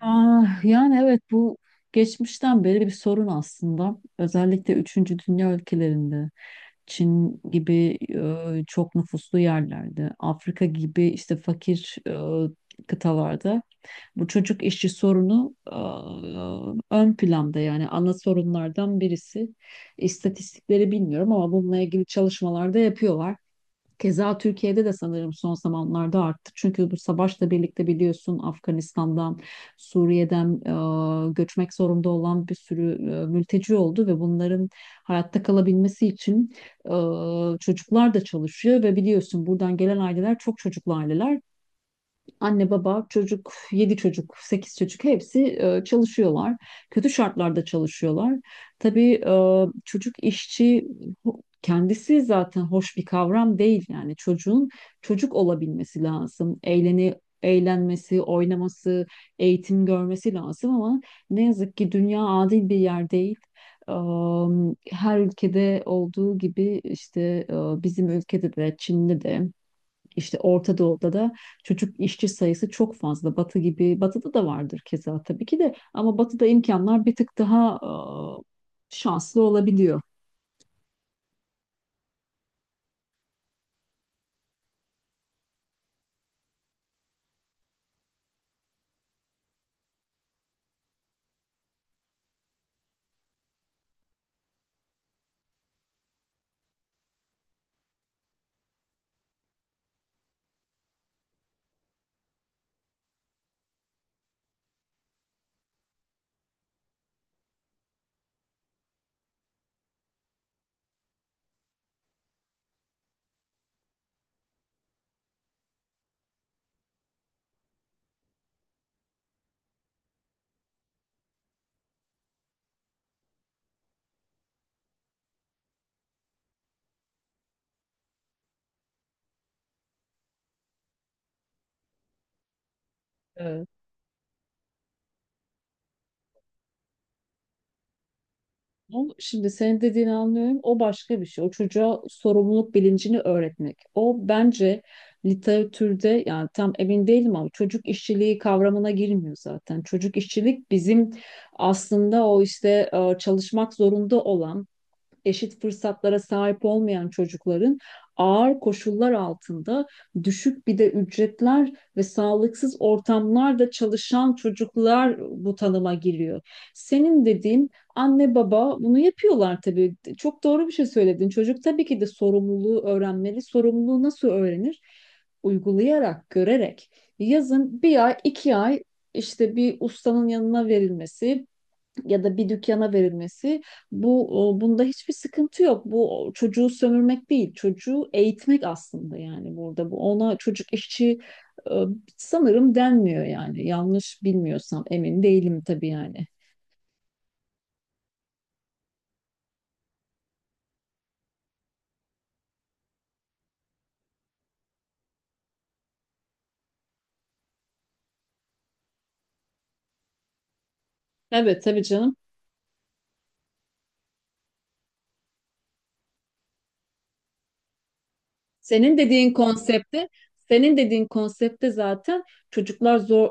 Aa, yani evet bu geçmişten beri bir sorun aslında. Özellikle üçüncü dünya ülkelerinde, Çin gibi çok nüfuslu yerlerde, Afrika gibi işte fakir kıtalarda bu çocuk işçi sorunu ön planda yani ana sorunlardan birisi. İstatistikleri bilmiyorum ama bununla ilgili çalışmalar da yapıyorlar. Keza Türkiye'de de sanırım son zamanlarda arttı. Çünkü bu savaşla birlikte biliyorsun Afganistan'dan, Suriye'den göçmek zorunda olan bir sürü mülteci oldu ve bunların hayatta kalabilmesi için e, çocuklar da çalışıyor ve biliyorsun buradan gelen aileler çok çocuklu aileler. Anne, baba, çocuk, yedi çocuk, sekiz çocuk hepsi çalışıyorlar. Kötü şartlarda çalışıyorlar. Tabii çocuk işçi kendisi zaten hoş bir kavram değil yani çocuğun çocuk olabilmesi lazım. Eğlenmesi, oynaması, eğitim görmesi lazım ama ne yazık ki dünya adil bir yer değil. E, Her ülkede olduğu gibi işte e, bizim ülkede de Çin'de de işte Orta Doğu'da da çocuk işçi sayısı çok fazla. Batı gibi, Batı'da da vardır keza tabii ki de ama Batı'da imkanlar bir tık daha şanslı olabiliyor. Evet. Şimdi senin dediğini anlıyorum. O başka bir şey. O çocuğa sorumluluk bilincini öğretmek. O bence literatürde yani tam emin değilim ama çocuk işçiliği kavramına girmiyor zaten. Çocuk işçilik bizim aslında o işte çalışmak zorunda olan eşit fırsatlara sahip olmayan çocukların ağır koşullar altında düşük bir de ücretler ve sağlıksız ortamlarda çalışan çocuklar bu tanıma giriyor. Senin dediğin anne baba bunu yapıyorlar tabii. Çok doğru bir şey söyledin. Çocuk tabii ki de sorumluluğu öğrenmeli. Sorumluluğu nasıl öğrenir? Uygulayarak, görerek. Yazın bir ay, iki ay işte bir ustanın yanına verilmesi, ya da bir dükkana verilmesi bunda hiçbir sıkıntı yok. Bu çocuğu sömürmek değil, çocuğu eğitmek aslında yani burada bu ona çocuk işçi e, sanırım denmiyor yani. Yanlış bilmiyorsam emin değilim tabii yani. Evet tabii canım. Senin dediğin konsepte, senin dediğin konsepte zaten çocuklar zor,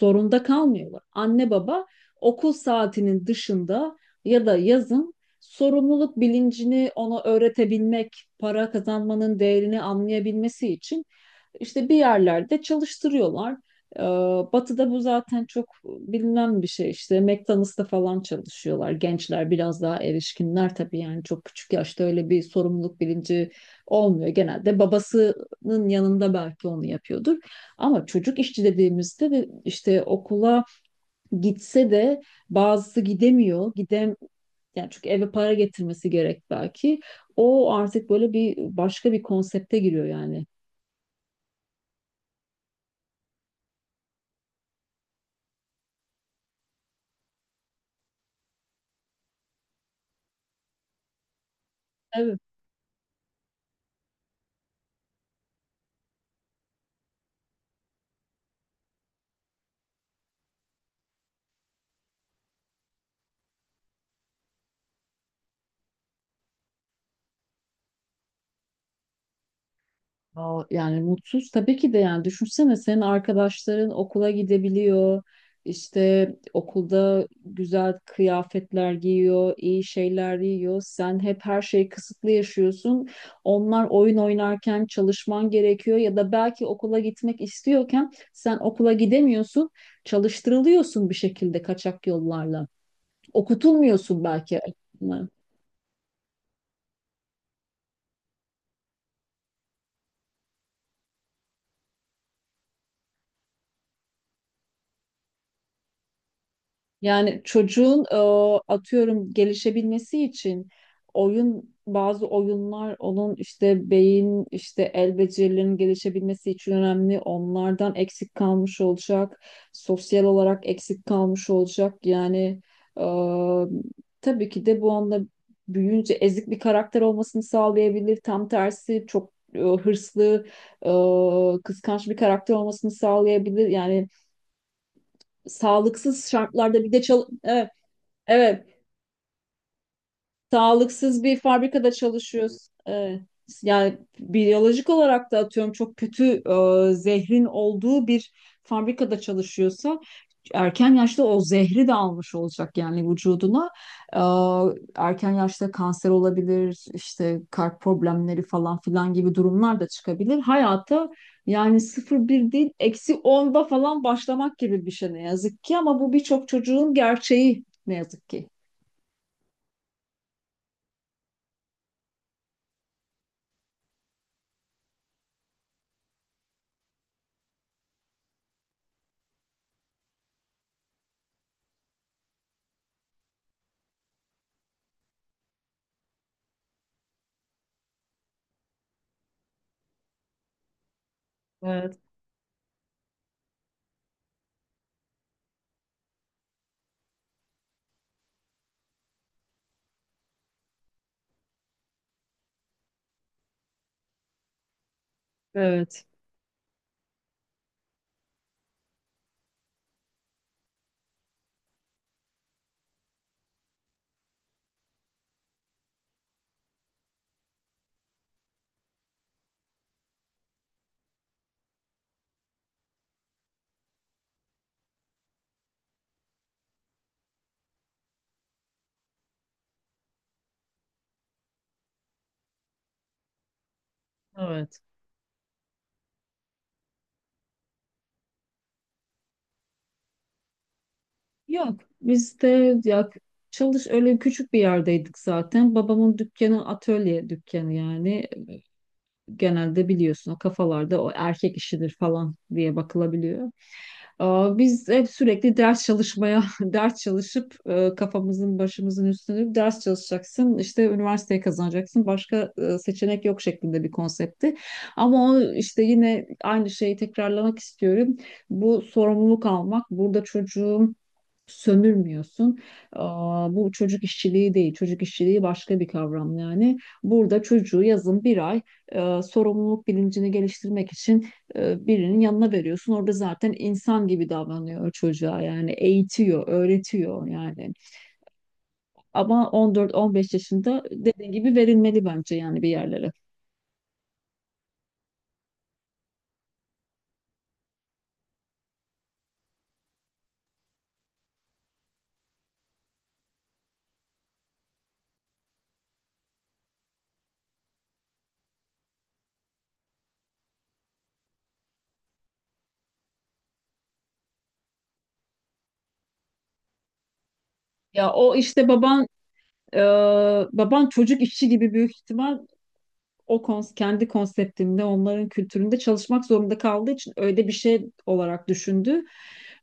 zorunda kalmıyorlar. Anne baba okul saatinin dışında ya da yazın sorumluluk bilincini ona öğretebilmek, para kazanmanın değerini anlayabilmesi için işte bir yerlerde çalıştırıyorlar. Ee, Batı'da bu zaten çok bilinen bir şey işte McDonald's'ta falan çalışıyorlar. Gençler biraz daha erişkinler tabii yani çok küçük yaşta öyle bir sorumluluk bilinci olmuyor. Genelde babasının yanında belki onu yapıyordur. Ama çocuk işçi dediğimizde de işte okula gitse de bazısı gidemiyor. Yani çünkü eve para getirmesi gerek belki. O artık böyle başka bir konsepte giriyor yani. Yani mutsuz tabii ki de yani düşünsene senin arkadaşların okula gidebiliyor. İşte okulda güzel kıyafetler giyiyor, iyi şeyler yiyor. Sen hep her şeyi kısıtlı yaşıyorsun. Onlar oyun oynarken çalışman gerekiyor ya da belki okula gitmek istiyorken sen okula gidemiyorsun. Çalıştırılıyorsun bir şekilde kaçak yollarla. Okutulmuyorsun belki. Yani çocuğun atıyorum gelişebilmesi için oyun bazı oyunlar onun işte beyin işte el becerilerinin gelişebilmesi için önemli. Onlardan eksik kalmış olacak. Sosyal olarak eksik kalmış olacak. Yani e, tabii ki de bu anda büyüyünce ezik bir karakter olmasını sağlayabilir. Tam tersi çok hırslı, kıskanç bir karakter olmasını sağlayabilir. Yani sağlıksız şartlarda bir de evet, Evet, sağlıksız bir fabrikada çalışıyoruz. Evet. Yani biyolojik olarak da atıyorum çok kötü zehrin olduğu bir fabrikada çalışıyorsa erken yaşta o zehri de almış olacak yani vücuduna. E, Erken yaşta kanser olabilir, işte kalp problemleri falan filan gibi durumlar da çıkabilir. Hayata yani sıfır bir değil eksi onda falan başlamak gibi bir şey ne yazık ki ama bu birçok çocuğun gerçeği ne yazık ki. Evet, evet. Evet. Yok biz de ya öyle küçük bir yerdeydik zaten. Babamın dükkanı atölye dükkanı yani genelde biliyorsun o kafalarda o erkek işidir falan diye bakılabiliyor. Biz hep sürekli ders çalışmaya, ders çalışıp kafamızın başımızın üstünü ders çalışacaksın, işte üniversiteyi kazanacaksın, başka seçenek yok şeklinde bir konseptti. Ama o işte yine aynı şeyi tekrarlamak istiyorum. Bu sorumluluk almak, burada çocuğun sömürmüyorsun. Bu çocuk işçiliği değil, çocuk işçiliği başka bir kavram yani. Burada çocuğu yazın bir ay sorumluluk bilincini geliştirmek için birinin yanına veriyorsun. Orada zaten insan gibi davranıyor çocuğa yani eğitiyor, öğretiyor yani. Ama 14-15 yaşında dediğin gibi verilmeli bence yani bir yerlere. Ya o işte e, baban çocuk işçi gibi büyük ihtimal o kons kendi konseptinde, onların kültüründe çalışmak zorunda kaldığı için öyle bir şey olarak düşündü.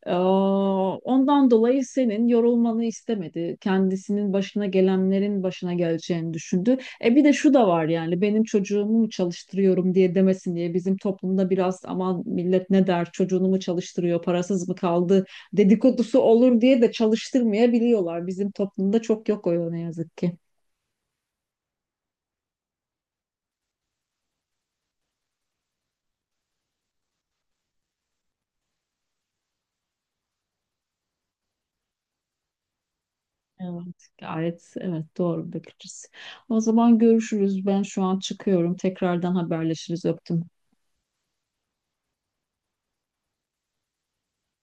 Ee, Ondan dolayı senin yorulmanı istemedi. Kendisinin başına gelenlerin başına geleceğini düşündü. E bir de şu da var yani benim çocuğumu mu çalıştırıyorum diye demesin diye bizim toplumda biraz aman millet ne der çocuğunu mu çalıştırıyor parasız mı kaldı dedikodusu olur diye de çalıştırmayabiliyorlar. Bizim toplumda çok yok o ne yazık ki. Evet, gayet evet doğru bir bakış. O zaman görüşürüz. Ben şu an çıkıyorum. Tekrardan haberleşiriz. Öptüm.